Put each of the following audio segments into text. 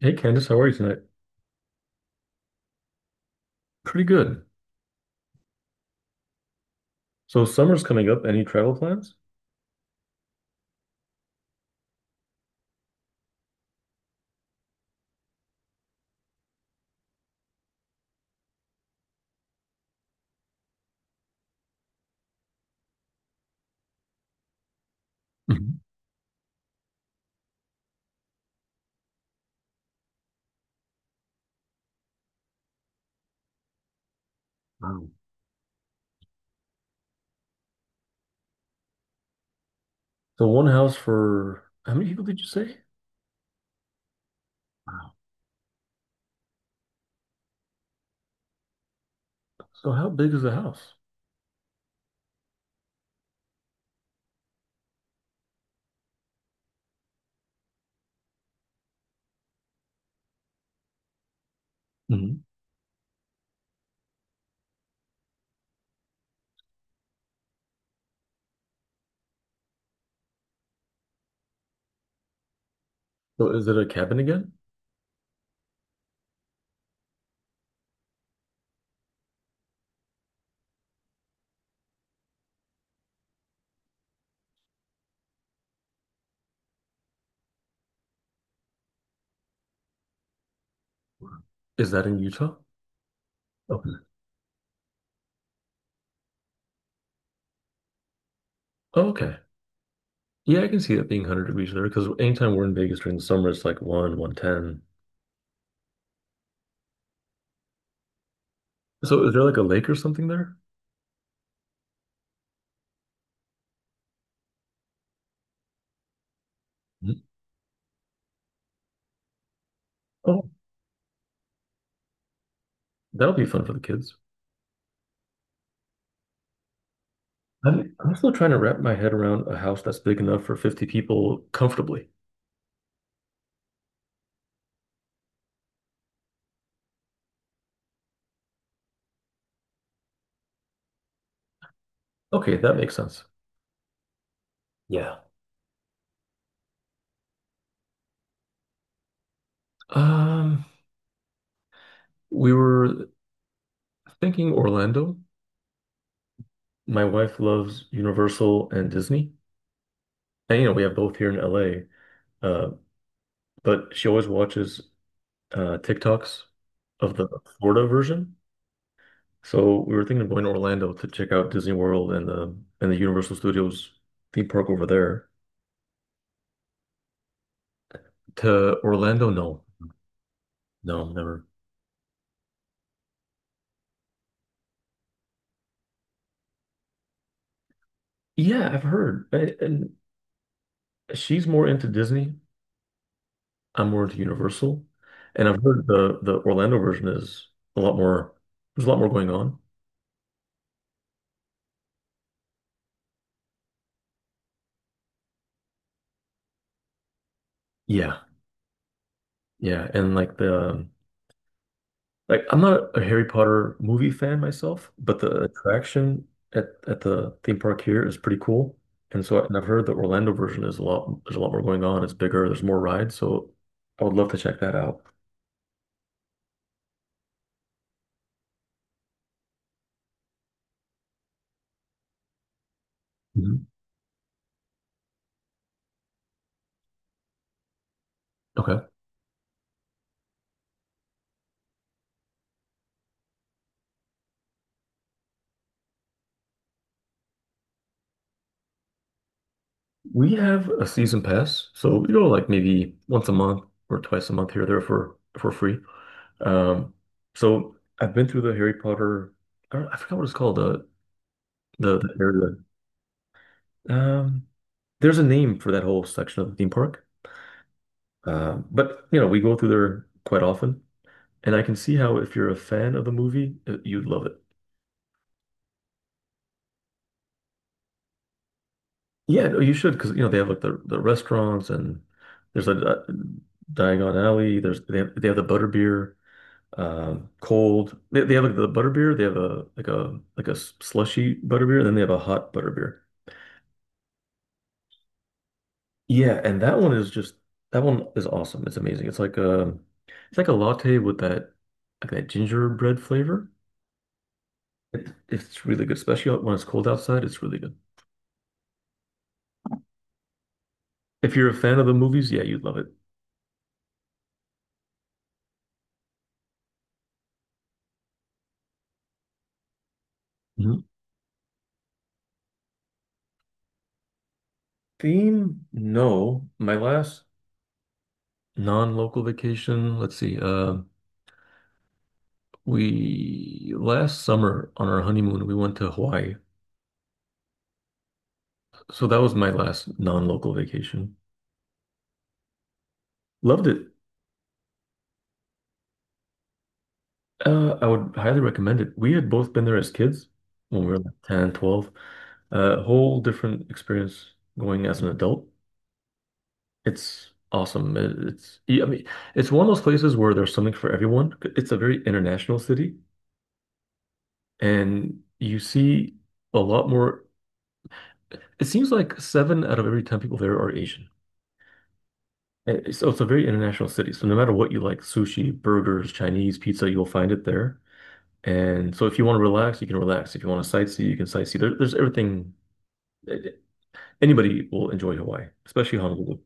Hey Candice, how are you tonight? Pretty good. So summer's coming up. Any travel plans? Mhm. Wow. So one house for how many people did you say? Wow. So how big is the house? Mhm. So is it a cabin again? Is that in Utah? Okay. Oh, okay. Yeah, I can see that being 100 degrees there because anytime we're in Vegas during the summer, it's like 1, 110. So is there like a lake or something there? Mhm. Oh, that'll be fun for the kids. I'm still trying to wrap my head around a house that's big enough for 50 people comfortably. Okay, that makes sense. Yeah. Um, we were thinking Orlando. My wife loves Universal and Disney. And you know, we have both here in LA. Uh, but she always watches TikToks of the Florida version. So we were thinking of going to Orlando to check out Disney World and the Universal Studios theme park over there. To Orlando, no, no, never. Yeah, I've heard. And she's more into Disney. I'm more into Universal. And I've heard the Orlando version is a lot more. There's a lot more going on. Yeah, yeah, and like the like I'm not a Harry Potter movie fan myself, but the attraction at the theme park here is pretty cool. And I've heard the Orlando version is a lot there's a lot more going on. It's bigger, there's more rides, so I would love to check that out. Mhm. Okay. We have a season pass, so we go like maybe once a month or twice a month here or there for free. Um, so I've been through the Harry Potter. I don't, I forgot what it's called. The area. Um, there's a name for that whole section of the theme park. But you know, we go through there quite often, and I can see how if you're a fan of the movie, you'd love it. Yeah, no, you should because you know they have like the restaurants and there's a Diagon Alley. There's they have the Butterbeer, cold. They have like the Butterbeer. They have a like a slushy Butterbeer, and then they have a hot Butterbeer. Yeah, and that one is just that one is awesome. It's amazing. It's like a latte with that like that gingerbread flavor. It's really good, especially when it's cold outside. It's really good. If you're a fan of the movies, yeah, you'd love it. Mhm. Theme? No. My last non-local vacation, let's see. We last summer on our honeymoon, we went to Hawaii. So that was my last non-local vacation. Loved it. I would highly recommend it. We had both been there as kids when we were like 10, 12. Whole different experience going as an adult. It's awesome. It's yeah, I mean, it's one of those places where there's something for everyone. It's a very international city, and you see a lot more. It seems like seven out of every ten people there are Asian. So it's a very international city. So no matter what you like, sushi, burgers, Chinese, pizza, you'll find it there. And so if you want to relax, you can relax. If you want to sightsee, you can sightsee. There's everything. eh, eh, Anybody will enjoy Hawaii, especially Honolulu.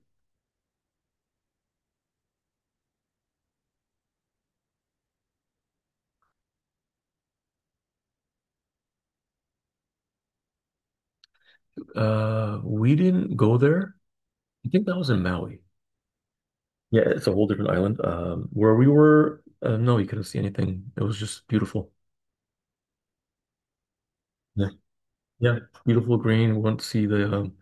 We didn't go there. I think that was in Maui. Yeah, it's a whole different island. Where we were, no, you couldn't see anything. It was just beautiful. Yeah, yeah, beautiful green. We went to see the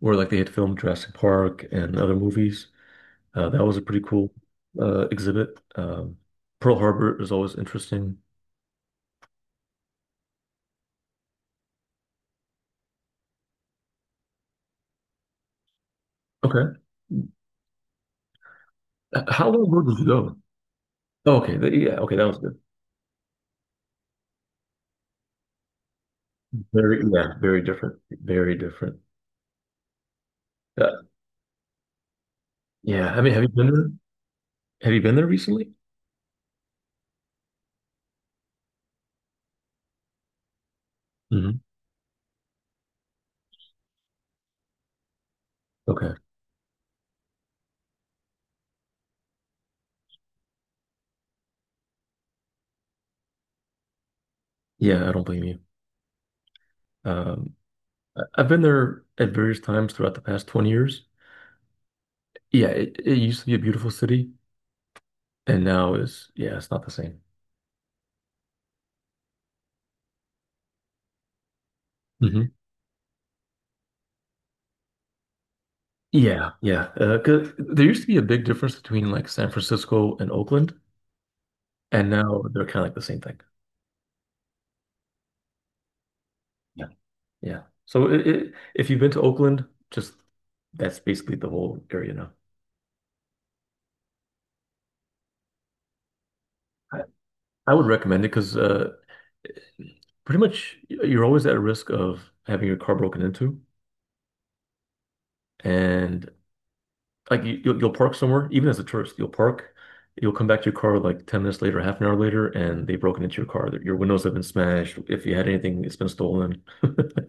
where like they had filmed Jurassic Park and other movies. That was a pretty cool exhibit. Um, Pearl Harbor is always interesting. Okay, how long ago did you go? Oh, okay, yeah, okay, that was good. Very, yeah, very different, very different. Uh, yeah, I mean, have you been there? Have you been there recently? Hmm. Okay, yeah, I don't blame you. Um, I've been there at various times throughout the past 20 years. Yeah, it used to be a beautiful city, and now is yeah, it's not the same. Hmm. Yeah, yeah. 'Cause there used to be a big difference between like San Francisco and Oakland, and now they're kind of like the same thing. Yeah, yeah. So if you've been to Oakland, just that's basically the whole area now. I, I would recommend it because pretty much you're always at risk of having your car broken into, and like you'll park somewhere, even as a tourist, you'll park, you'll come back to your car like 10 minutes later, half an hour later, and they've broken into your car. Your windows have been smashed. If you had anything, it's been stolen.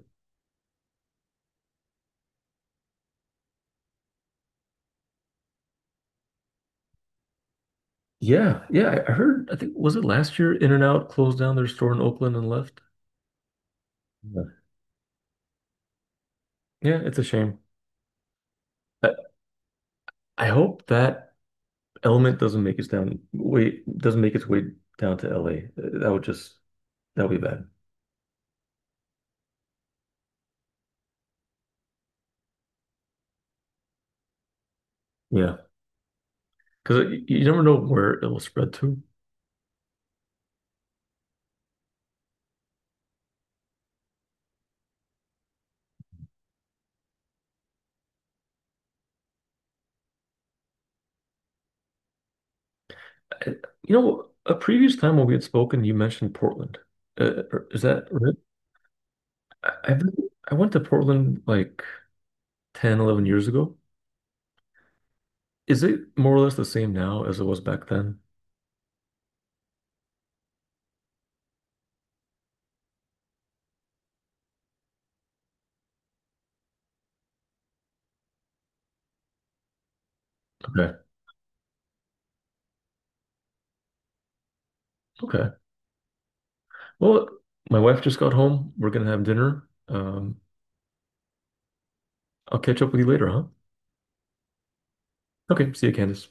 Yeah, yeah, I heard, I think, was it last year In-N-Out closed down their store in Oakland and left? Yeah, yeah, it's a shame. I, I hope that element doesn't make its down way doesn't make its way down to LA. Uh, That would just that would be bad. Yeah, because you never know where it will spread to. And, you know, a previous time when we had spoken, you mentioned Portland. Uh, is that right? I went to Portland like 10, 11 years ago. Is it more or less the same now as it was back then? Okay. Okay. Well, my wife just got home. We're gonna have dinner. I'll catch up with you later, huh? Okay. See you, Candace.